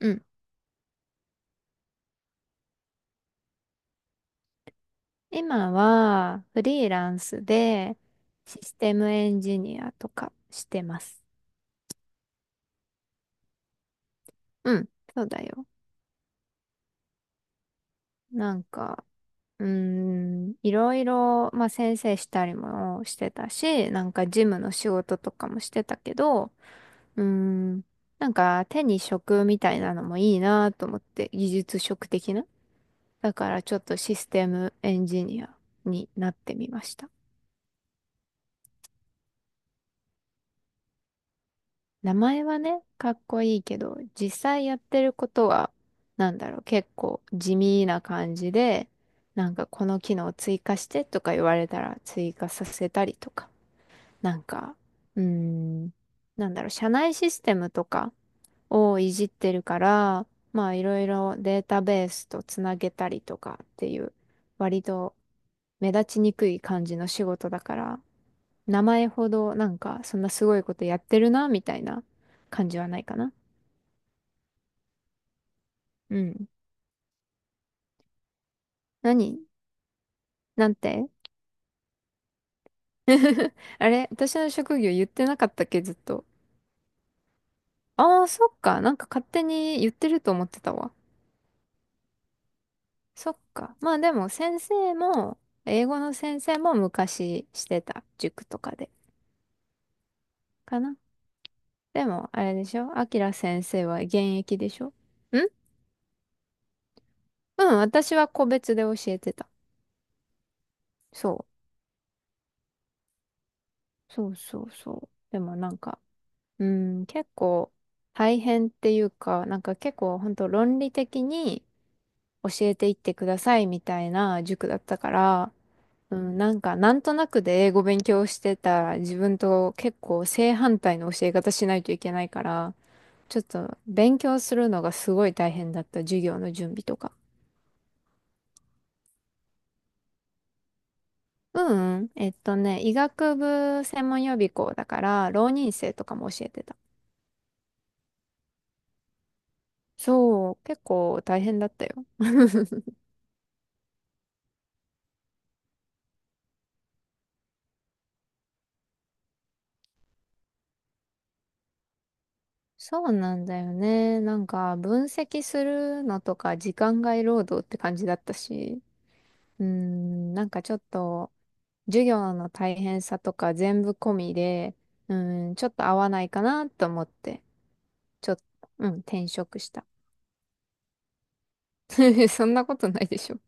うん。今はフリーランスでシステムエンジニアとかしてます。うん。そうだよ。なんか、いろいろ、まあ先生したりもしてたし、なんか事務の仕事とかもしてたけど、うーん、なんか手に職みたいなのもいいなと思って、技術職的な。だからちょっとシステムエンジニアになってみました。名前はね、かっこいいけど、実際やってることは、なんだろう、結構地味な感じで、なんかこの機能追加してとか言われたら追加させたりとか、なんか、うーん、なんだろう、社内システムとかをいじってるから、まあいろいろデータベースとつなげたりとかっていう、割と目立ちにくい感じの仕事だから、名前ほどなんかそんなすごいことやってるな、みたいな感じはないかな。うん。何なんて あれ私の職業言ってなかったっけ、ずっと。ああ、そっか。なんか勝手に言ってると思ってたわ。そっか。まあでも先生も、英語の先生も昔してた。塾とかで。かな。でも、あれでしょあきら先生は現役でしょん。うん、私は個別で教えてた。そう。そうそうそう。でもなんか、うん、結構大変っていうか、なんか結構本当論理的に教えていってくださいみたいな塾だったから、うん、なんかなんとなくで英語勉強してた自分と結構正反対の教え方しないといけないから、ちょっと勉強するのがすごい大変だった、授業の準備とか。医学部専門予備校だから、浪人生とかも教えてた。そう、結構大変だったよ。そうなんだよね。なんか、分析するのとか、時間外労働って感じだったし、なんかちょっと、授業の大変さとか全部込みで、ちょっと合わないかなと思って、ちょっと、うん、転職した。そんなことないでしょ。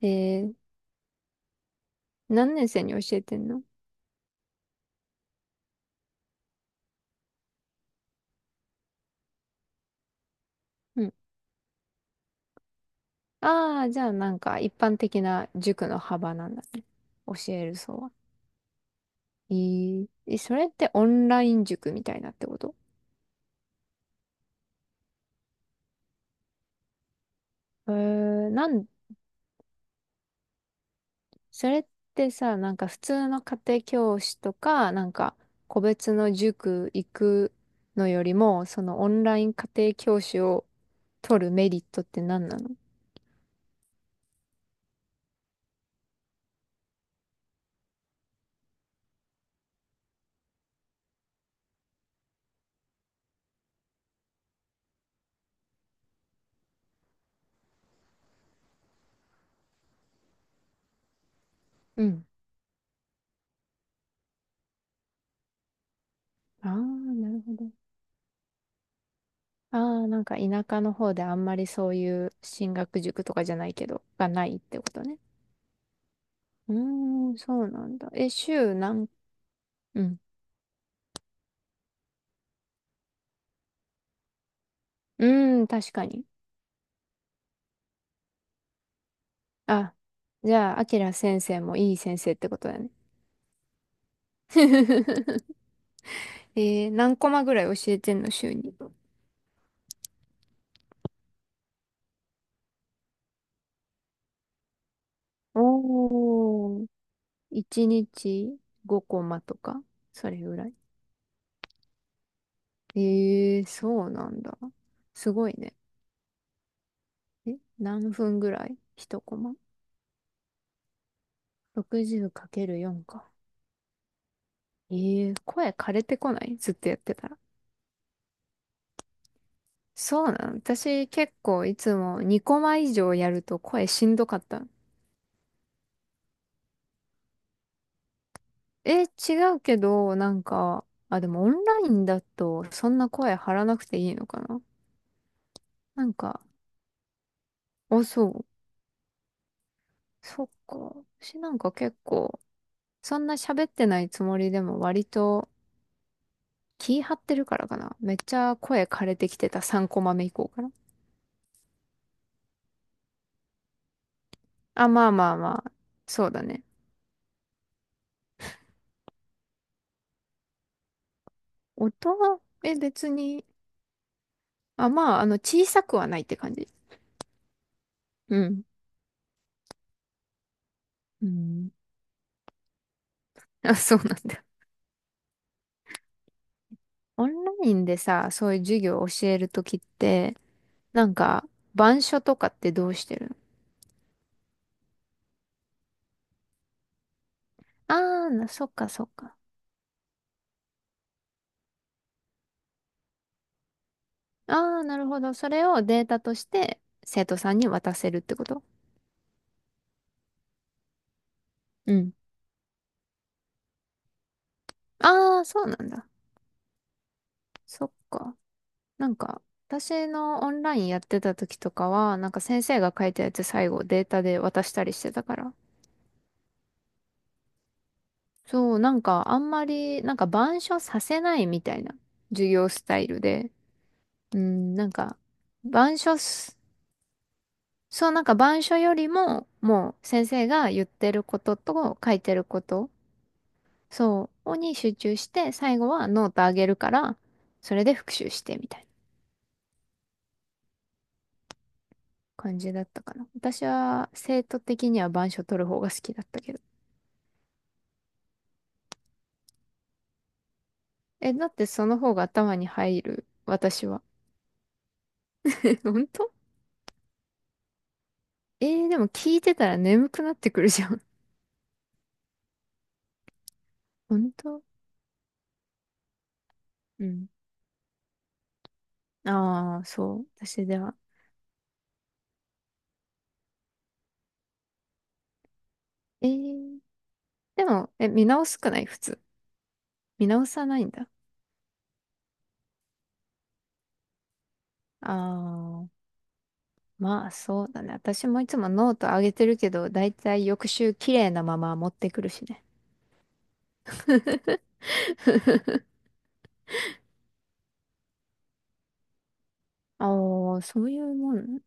えー、何年生に教えてんの？うん。ああ、じゃあなんか一般的な塾の幅なんだね。教える層は。えーえそれってオンライン塾みたいなってこと？えー、なん、それってさ、なんか普通の家庭教師とか、なんか個別の塾行くのよりも、そのオンライン家庭教師を取るメリットって何なの？うん。ああ、なるほど。ああ、なんか田舎の方であんまりそういう進学塾とかじゃないけど、がないってことね。うーん、そうなんだ。え、週何、うん。うーん、確かに。あ、じゃあ、あきら先生もいい先生ってことだね。えー、何コマぐらい教えてんの、週に。おー。1日5コマとか、それぐらい。えー、そうなんだ。すごいね。え、何分ぐらい？ 1 コマ。60×4 かけるよんか。えー、声枯れてこないずっとやってたら。そうなの。私結構いつも2コマ以上やると声しんどかったの。え、違うけど、なんか、あ、でもオンラインだとそんな声張らなくていいのかな。なんか、あ、そう。そっか。私なんか結構、そんな喋ってないつもりでも割と気張ってるからかな。めっちゃ声枯れてきてた3コマ目以降から。あ、まあまあまあ。そうだね。音は、え、別に、あ、まあ、あの、小さくはないって感じ。うん。うん。あ、そうなんだ。オンラインでさ、そういう授業を教えるときって、なんか、板書とかってどうしてるの？ああー、なそっかそっか。ああ、なるほど。それをデータとして生徒さんに渡せるってこと？うん。ああ、そうなんだ。そっか。なんか、私のオンラインやってた時とかは、なんか先生が書いたやつ最後データで渡したりしてたから。そう、なんかあんまり、なんか板書させないみたいな授業スタイルで。うん、なんか、板書す、そう、なんか板書よりも、もう先生が言ってることと書いてること、そう、に集中して、最後はノートあげるから、それで復習してみたいな。感じだったかな。私は生徒的には板書取る方が好きだったけど。え、だってその方が頭に入る、私は。え、本当？えー、でも聞いてたら眠くなってくるじゃん。本当？うん。ああ、そう。私では。えー、でも、え、見直すくない普通。見直さないんだ。ああ、まあそうだね。私もいつもノート上げてるけど、だいたい翌週綺麗なまま持ってくるしね。ああ、そういうもんね。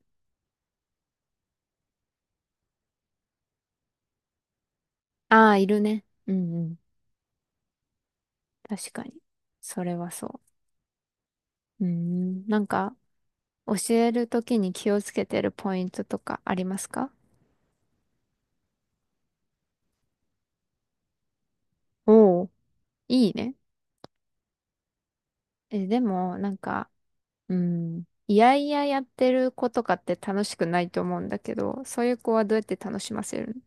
ああ、いるね。うんうん。確かに。それはそう。うーん。なんか、教えるときに気をつけてるポイントとかありますか？おおー。いいね。え、でも、なんか、うん。いやいややってる子とかって楽しくないと思うんだけど、そういう子はどうやって楽しませるの？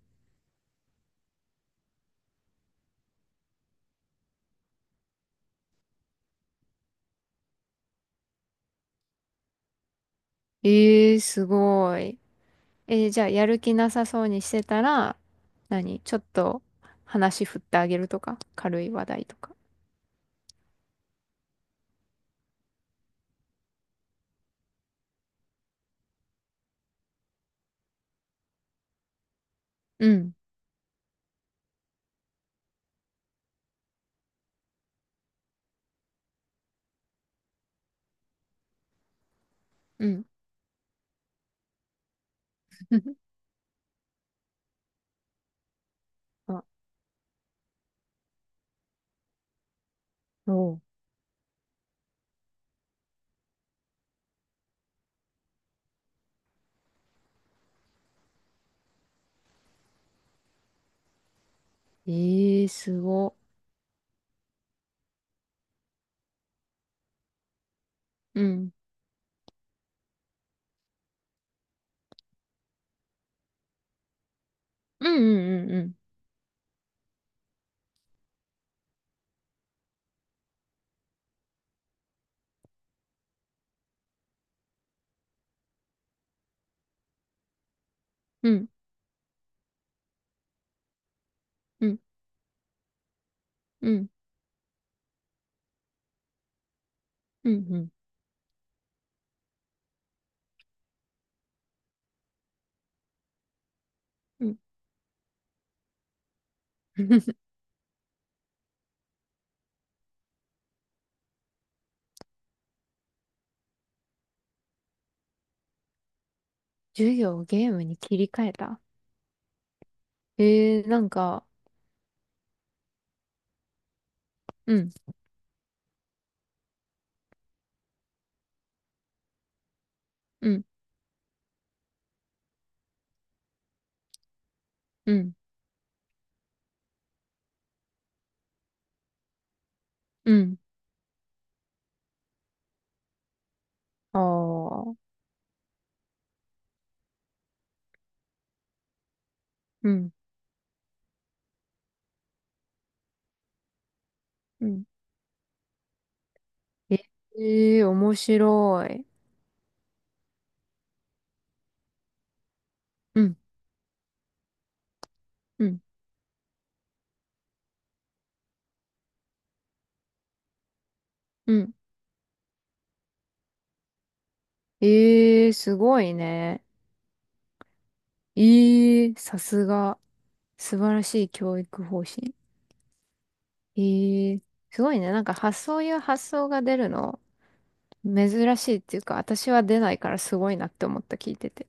ええー、すごい。えーじゃあ、やる気なさそうにしてたら、何ちょっと話振ってあげるとか軽い話題とか。うん。うん。あおうええー、すご。うん。うんうんうんうん。うんうんうんうんうん。うん授業をゲームに切り替えた。ええー、なんか、うんうんうんうん。ああ、うんうん。ええー、面白い。うんうんうん。ええー、すごいね。ええー、さすが。素晴らしい教育方針。ええー、すごいね。なんか発想いう発想が出るの。珍しいっていうか、私は出ないからすごいなって思った、聞いてて。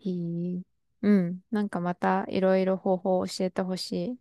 へえ。うん。なんかまたいろいろ方法を教えてほしい。